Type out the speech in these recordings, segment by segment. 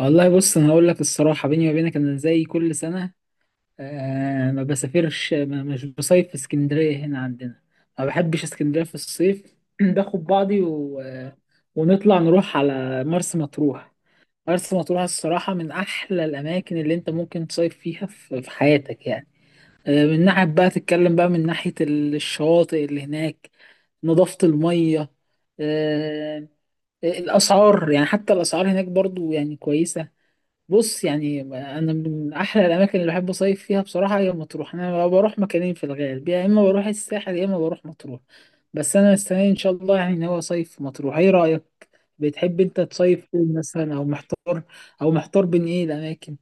والله، بص، انا هقول لك الصراحه، بيني وبينك، انا زي كل سنه. آه، ما بسافرش، ما مش بصيف في اسكندريه هنا عندنا. ما بحبش اسكندريه في الصيف باخد بعضي و... ونطلع نروح على مرسى مطروح. مرسى مطروح الصراحه من احلى الاماكن اللي انت ممكن تصيف فيها في حياتك يعني. آه، من ناحيه بقى تتكلم بقى من ناحيه الشواطئ اللي هناك. نظافه الميه. آه. الاسعار، يعني حتى الاسعار هناك برضو يعني كويسه. بص يعني، انا من احلى الاماكن اللي بحب اصيف فيها بصراحه هي مطروح. انا بروح مكانين في الغالب، يا اما بروح الساحل يا اما بروح مطروح. بس انا مستني ان شاء الله يعني ناوي اصيف في مطروح. ايه رايك؟ بتحب انت تصيف فين مثلا او محتار؟ او محتار بين ايه الاماكن؟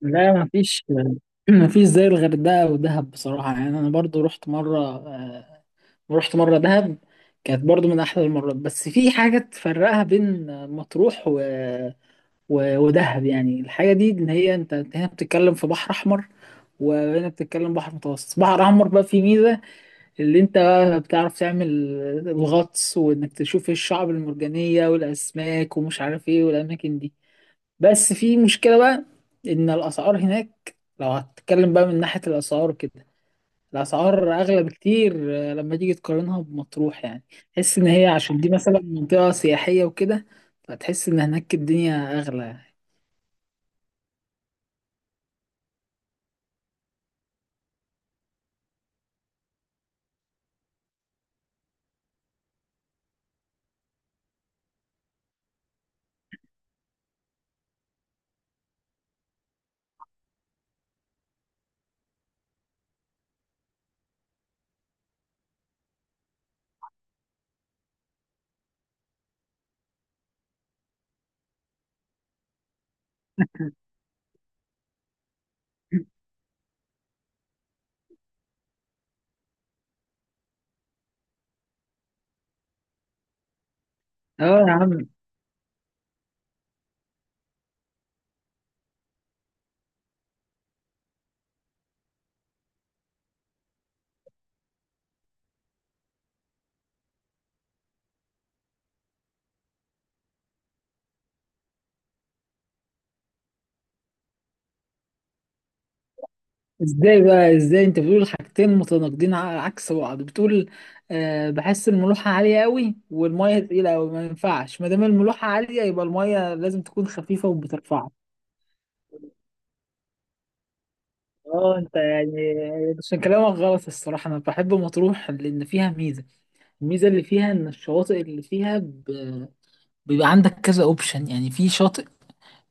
لا، مفيش. مفيش زي الغردقة ودهب بصراحة. يعني أنا برضو رحت مرة، رحت مرة دهب. كانت برضو من أحلى المرات، بس في حاجة تفرقها بين مطروح و و- ودهب. يعني الحاجة دي اللي هي انت، هنا بتتكلم في بحر احمر، وهنا بتتكلم بحر متوسط. بحر احمر بقى فيه ميزة اللي انت بقى بتعرف تعمل الغطس، وانك تشوف ايه الشعب المرجانية والاسماك ومش عارف ايه والاماكن دي. بس في مشكلة بقى، ان الاسعار هناك، لو هتتكلم بقى من ناحية الاسعار كده، الاسعار اغلى بكتير. لما تيجي تقارنها بمطروح يعني تحس ان هي عشان دي مثلا منطقة سياحية وكده، فتحس ان هناك الدنيا اغلى. اه يا عم. ازاي بقى، ازاي انت بتقول حاجتين متناقضين عكس بعض؟ بتقول أه بحس الملوحة عالية قوي، والمية تقيلة قوي. ما ينفعش، ما دام الملوحة عالية يبقى المية لازم تكون خفيفة وبترفعك. اه انت يعني، عشان كلامك غلط الصراحة. انا بحب مطروح لان فيها ميزة. الميزة اللي فيها ان الشواطئ اللي فيها بيبقى عندك كذا اوبشن. يعني في شاطئ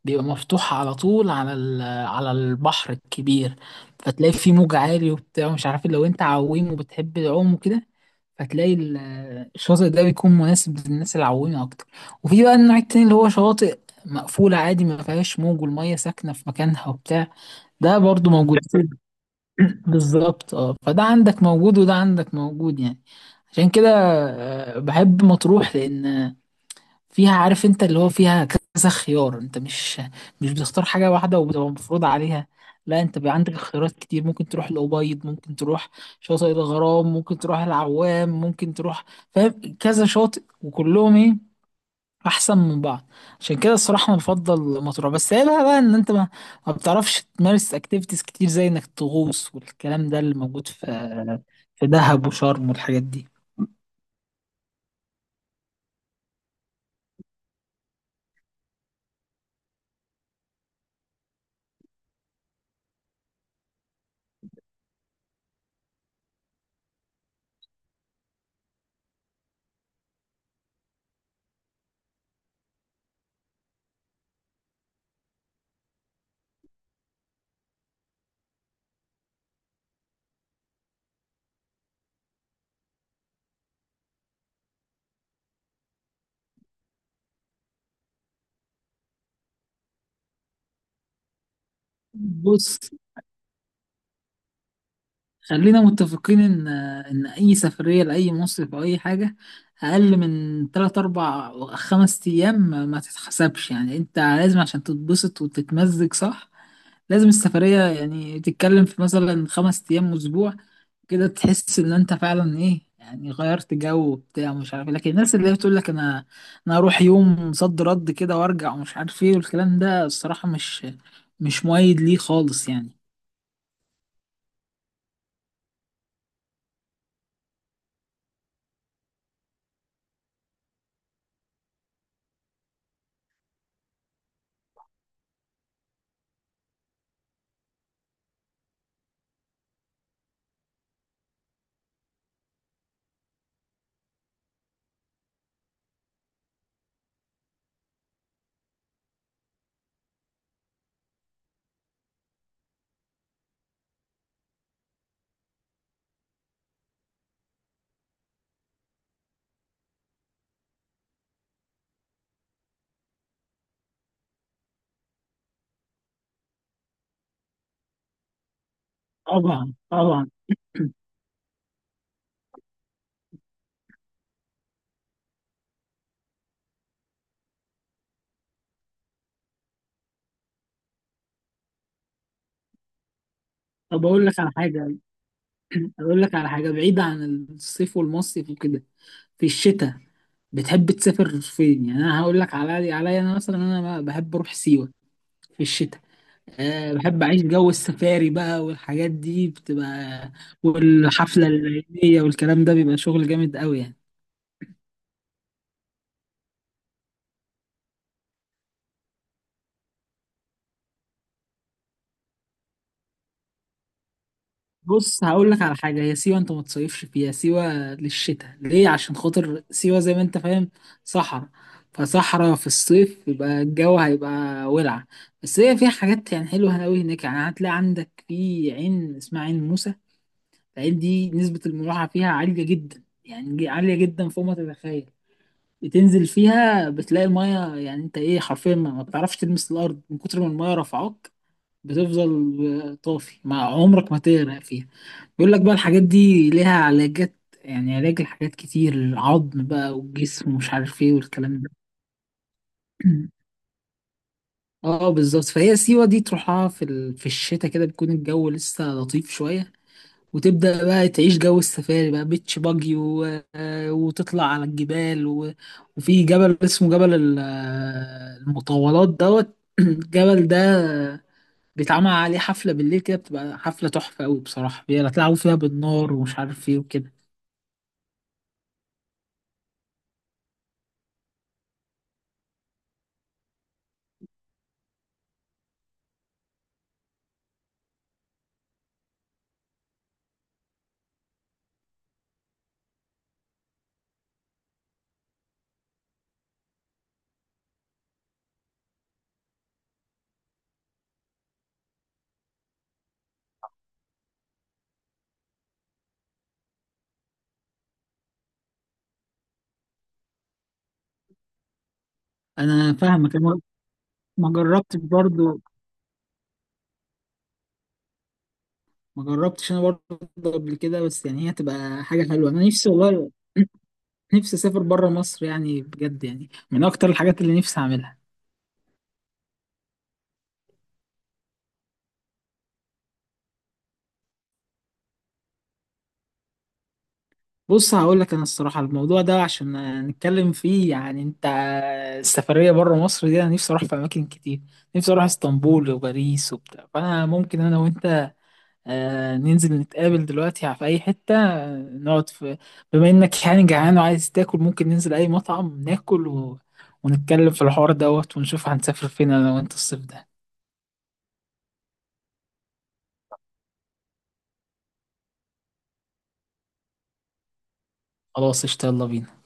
بيبقى مفتوح على طول على على البحر الكبير، فتلاقي فيه موج عالي وبتاع مش عارف إيه. لو انت عويم وبتحب العوم وكده، فتلاقي الشاطئ ده بيكون مناسب للناس العويمة أكتر. وفي بقى النوع التاني اللي هو شواطئ مقفولة عادي، ما فيهاش موج والمية ساكنة في مكانها وبتاع. ده برضو موجود. بالظبط. اه، فده عندك موجود وده عندك موجود يعني. عشان كده بحب مطروح، لأن فيها، عارف، انت اللي هو فيها كذا خيار. انت مش بتختار حاجة واحدة وبتبقى مفروض عليها. لا، انت بيبقى عندك خيارات كتير. ممكن تروح الأبيض، ممكن تروح شاطئ الغرام، ممكن تروح العوام، ممكن تروح، فاهم، كذا شاطئ وكلهم ايه، احسن من بعض. عشان كده الصراحة انا بفضل مطروح. بس هي بقى ان انت ما بتعرفش تمارس اكتيفيتيز كتير زي انك تغوص والكلام ده اللي موجود في دهب وشرم والحاجات دي. بص، خلينا متفقين ان اي سفريه لاي مصيف او اي حاجه اقل من 3 4 خمس ايام ما تتحسبش يعني. انت لازم عشان تتبسط وتتمزج صح لازم السفريه يعني تتكلم في مثلا خمس ايام، اسبوع، كده تحس ان انت فعلا ايه يعني غيرت جو وبتاع ومش عارف إيه. لكن الناس اللي هي بتقول لك انا هروح يوم صد رد كده وارجع ومش عارف ايه والكلام ده، الصراحه مش مؤيد ليه خالص يعني. طبعا طبعا. طب أقول لك على حاجة. أقول لك على حاجة بعيدة عن الصيف والمصيف وكده. في الشتاء، بتحب تسافر فين يعني؟ أنا هقول لك على عليا. أنا مثلا بحب أروح سيوة في الشتاء. أه بحب أعيش جو السفاري بقى والحاجات دي بتبقى، والحفلة الليلية والكلام ده بيبقى شغل جامد قوي يعني. بص هقول لك على حاجة، هي سيوة انت ما تصيفش فيها. سيوة للشتاء ليه؟ عشان خاطر سيوة زي ما انت فاهم صحراء. فصحراء في الصيف يبقى الجو هيبقى ولع. بس هي فيها حاجات يعني حلوة قوي هناك. يعني هتلاقي عندك في عين اسمها عين موسى. العين دي نسبة الملاحة فيها عالية جدا، يعني عالية جدا فوق ما تتخيل. بتنزل فيها بتلاقي المية، يعني انت ايه، حرفيا ما بتعرفش تلمس الارض من كتر ما المية رفعاك. بتفضل طافي، مع عمرك ما تغرق فيها. بيقول لك بقى الحاجات دي ليها علاجات، يعني علاج لحاجات كتير، العظم بقى والجسم ومش عارف ايه والكلام ده. اه بالظبط. فهي سيوة دي تروحها في الشتاء كده بيكون الجو لسه لطيف شوية. وتبدأ بقى تعيش جو السفاري بقى، بيتش باجي، و... وتطلع على الجبال. و... وفي جبل اسمه جبل المطولات دوت. الجبل ده بيتعمل عليه حفلة بالليل كده بتبقى حفلة تحفة أوي بصراحة، بيلعبوا فيها بالنار ومش عارف ايه وكده. أنا فاهمك. أنا ما جربتش برضه. ما جربتش أنا برضه قبل كده، بس يعني هي تبقى حاجة حلوة. أنا نفسي والله، نفسي أسافر بره مصر يعني بجد، يعني من أكتر الحاجات اللي نفسي أعملها. بص هقول لك، أنا الصراحة الموضوع ده عشان نتكلم فيه يعني، أنت السفرية بره مصر دي أنا نفسي أروح في أماكن كتير. نفسي أروح اسطنبول وباريس وبتاع. فأنا ممكن أنا وأنت ننزل نتقابل دلوقتي في أي حتة، نقعد في، بما إنك يعني جعان وعايز تاكل، ممكن ننزل أي مطعم ناكل، و... ونتكلم في الحوار دوت ونشوف هنسافر فين أنا وأنت الصيف ده. خلاص قشطة، يلا بينا.